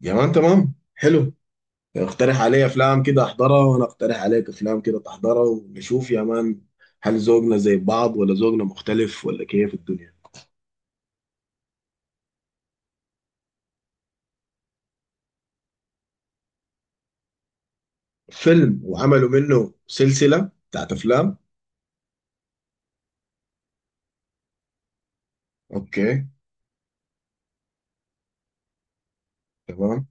يا مان، تمام، حلو. اقترح علي افلام كده احضرها، وانا اقترح عليك افلام كده تحضرها، ونشوف يا مان. هل ذوقنا زي بعض، ولا ذوقنا مختلف، ولا كيف الدنيا؟ فيلم وعملوا منه سلسلة بتاعت افلام. اوكي. تمام.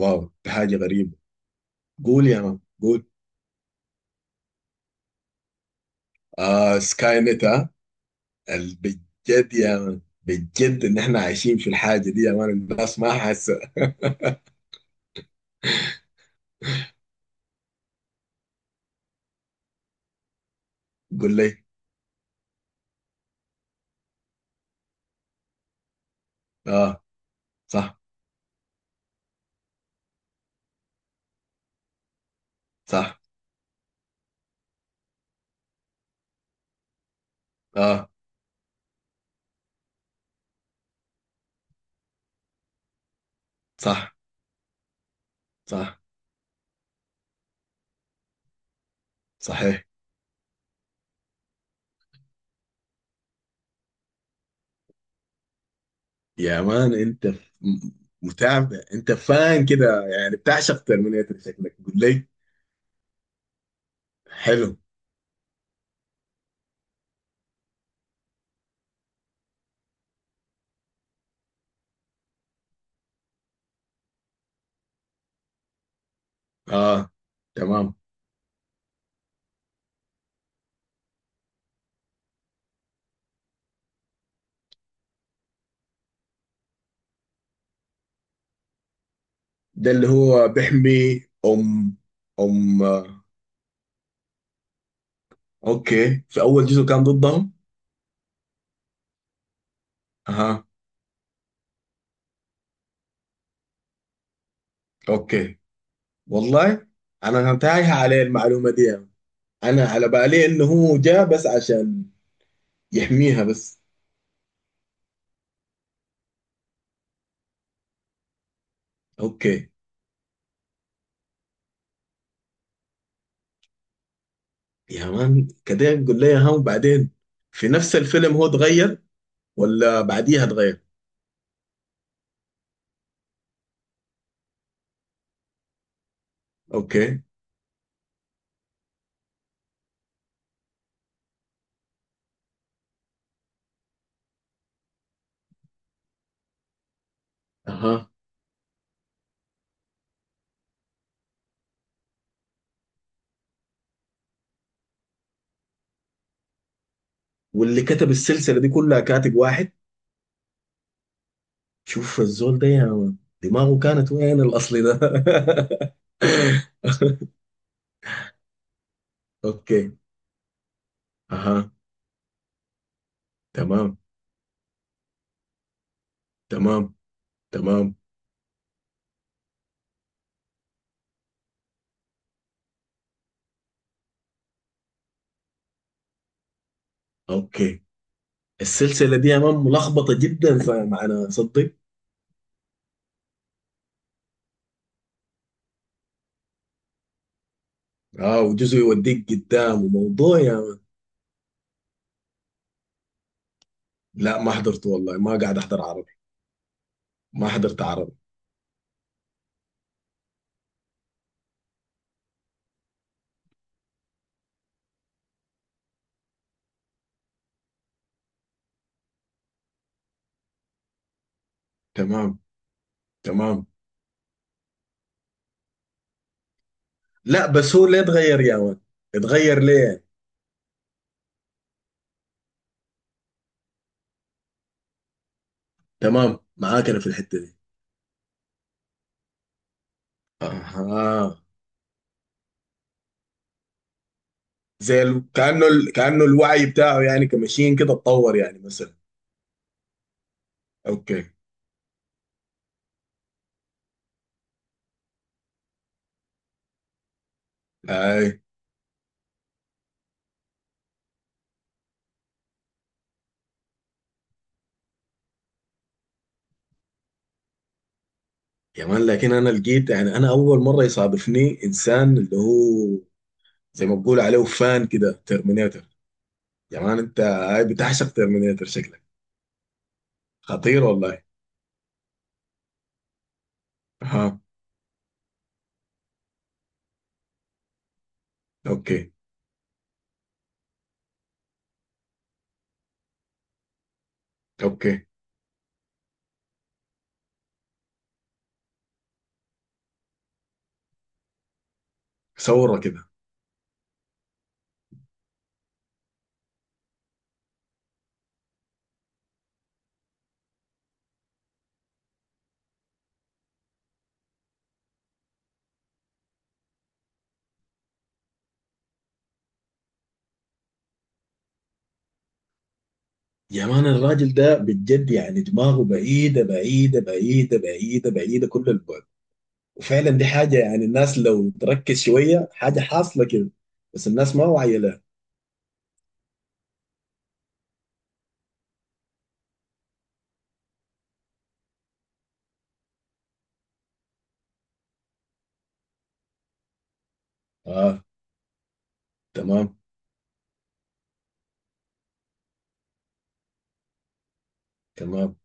واو، دي حاجة غريبة. قول يا مان، قول. آه، سكاي نت، ها. بجد يا مان، بجد ان احنا عايشين في الحاجة دي يا مان، الناس ما حاسة. قول لي. اه. صح. صح. اه. صح. صح. صحيح. يا مان، انت متابع، انت فان كده يعني، بتعشق ترمينيتر شكلك، قول لي. حلو. اه، تمام. ده اللي هو بيحمي ام؟ آه. اوكي، في اول جزء كان ضدهم. اها. اوكي. والله انا كنت تايه عليه المعلومه دي يعني. انا على بالي انه هو جاء بس عشان يحميها بس. اوكي. يا مان كده قول لي، ها، وبعدين؟ في نفس الفيلم هو اتغير، ولا بعديها اتغير؟ اوكي. اها. واللي كتب السلسله دي كلها كاتب واحد؟ شوف الزول ده يا مان، دماغه كانت وين الاصلي ده. اوكي. اها. تمام. تمام. تمام. اوكي. السلسله دي يا مان ملخبطه جدا، فمعنى صدق. اه، وجزء يوديك قدام، وموضوع يا مان. لا، ما حضرته والله، ما قاعد احضر عربي. ما حضرت عربي. تمام. تمام. لا بس هو ليه اتغير يا مان؟ اتغير ليه؟ تمام، معاك انا في الحته دي. اها. كأنه الوعي بتاعه يعني، كمشين كده اتطور يعني مثلا. اوكي. اي. يا مان، لكن انا لقيت يعني، انا اول مره يصادفني انسان اللي هو زي ما بقول عليه فان كده ترمينيتر. يا مان، انت هاي بتعشق ترمينيتر شكلك. خطير والله. ها. اوكي. اوكي. صوره كده. يا مان، الراجل ده بجد يعني، دماغه بعيدة بعيدة بعيدة بعيدة بعيدة كل البعد. وفعلا دي حاجة، يعني الناس لو تركز شوية، حاجة حاصلة كده. بس الناس ما واعية لها. اه. تمام. تمام.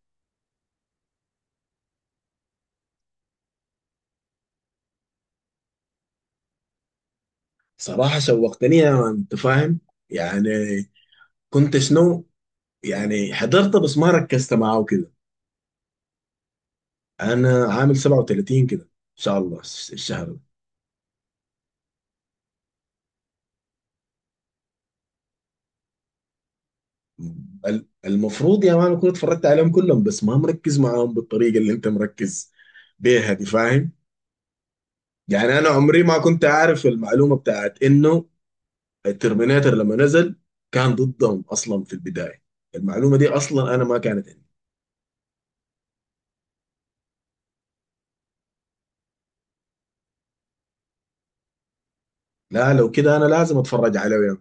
صراحة شوقتني يا مان، انت فاهم؟ يعني كنت شنو يعني، حضرت بس ما ركزت معاه كده. انا عامل 37 كده، ان شاء الله الشهر ده. المفروض يا مان اكون اتفرجت عليهم كلهم، بس ما مركز معاهم بالطريقة اللي انت مركز بيها دي، فاهم؟ يعني انا عمري ما كنت عارف المعلومة بتاعت انه الترميناتر لما نزل كان ضدهم اصلا في البدايه. المعلومه دي اصلا انا ما كانت عندي. لا لو كده انا لازم اتفرج عليه يعني.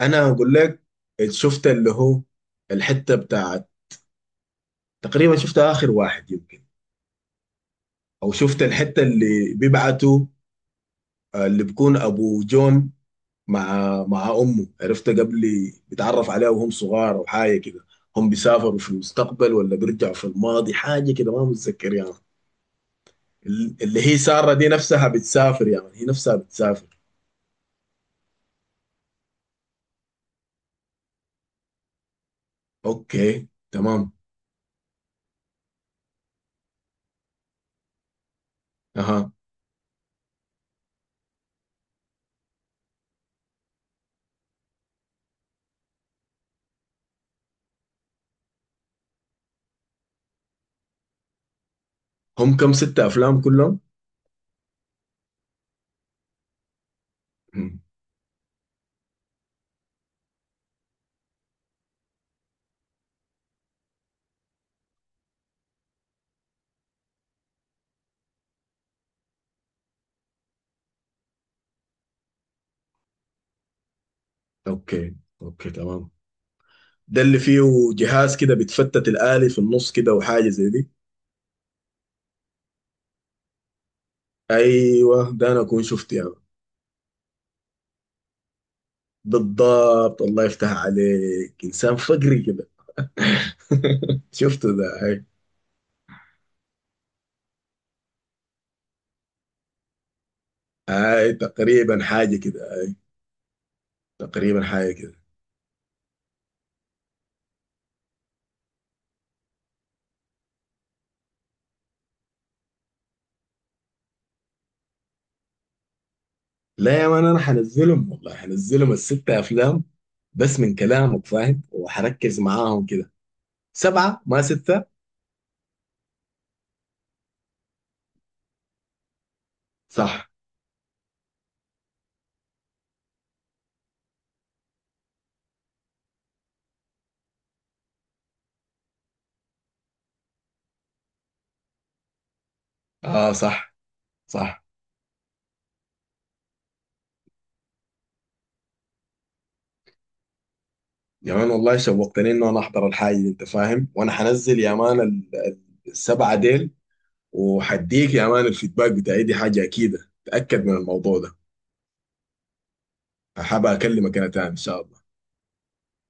انا اقول لك، شفت اللي هو الحته بتاعت، تقريبا شفت اخر واحد يمكن. او شفت الحته اللي بيبعتوا اللي بيكون ابو جون مع امه، عرفت قبل، بيتعرف عليها وهم صغار او حاجه كده. هم بيسافروا في المستقبل، ولا بيرجعوا في الماضي، حاجه كده ما متذكر يعني. اللي هي سارة دي نفسها بتسافر، يعني هي نفسها بتسافر. اوكي، تمام. اها. هم كم، ستة افلام كلهم؟ مم. اوكي. اوكي، تمام. ده اللي فيه جهاز كده بتفتت الآلي في النص كده وحاجة زي دي. ايوه، ده انا اكون شفته يعني. بالضبط، الله يفتح عليك، انسان فقري كده. شفته ده هاي. هاي تقريبا حاجة كده، تقريبا حاجة كده. لا يا مان، انا هنزلهم والله، هنزلهم الستة افلام، بس من كلامك فاهم، وهركز معاهم كده. سبعة، ما ستة. صح. اه. صح. صح. يا مان والله شوقتني انه انا احضر الحاجة دي، انت فاهم؟ وانا هنزل يا مان السبعة ديل، وهديك يا مان الفيدباك بتاعي، دي حاجة اكيدة، تأكد من الموضوع ده. هبقى اكلمك انا تاني ان شاء الله.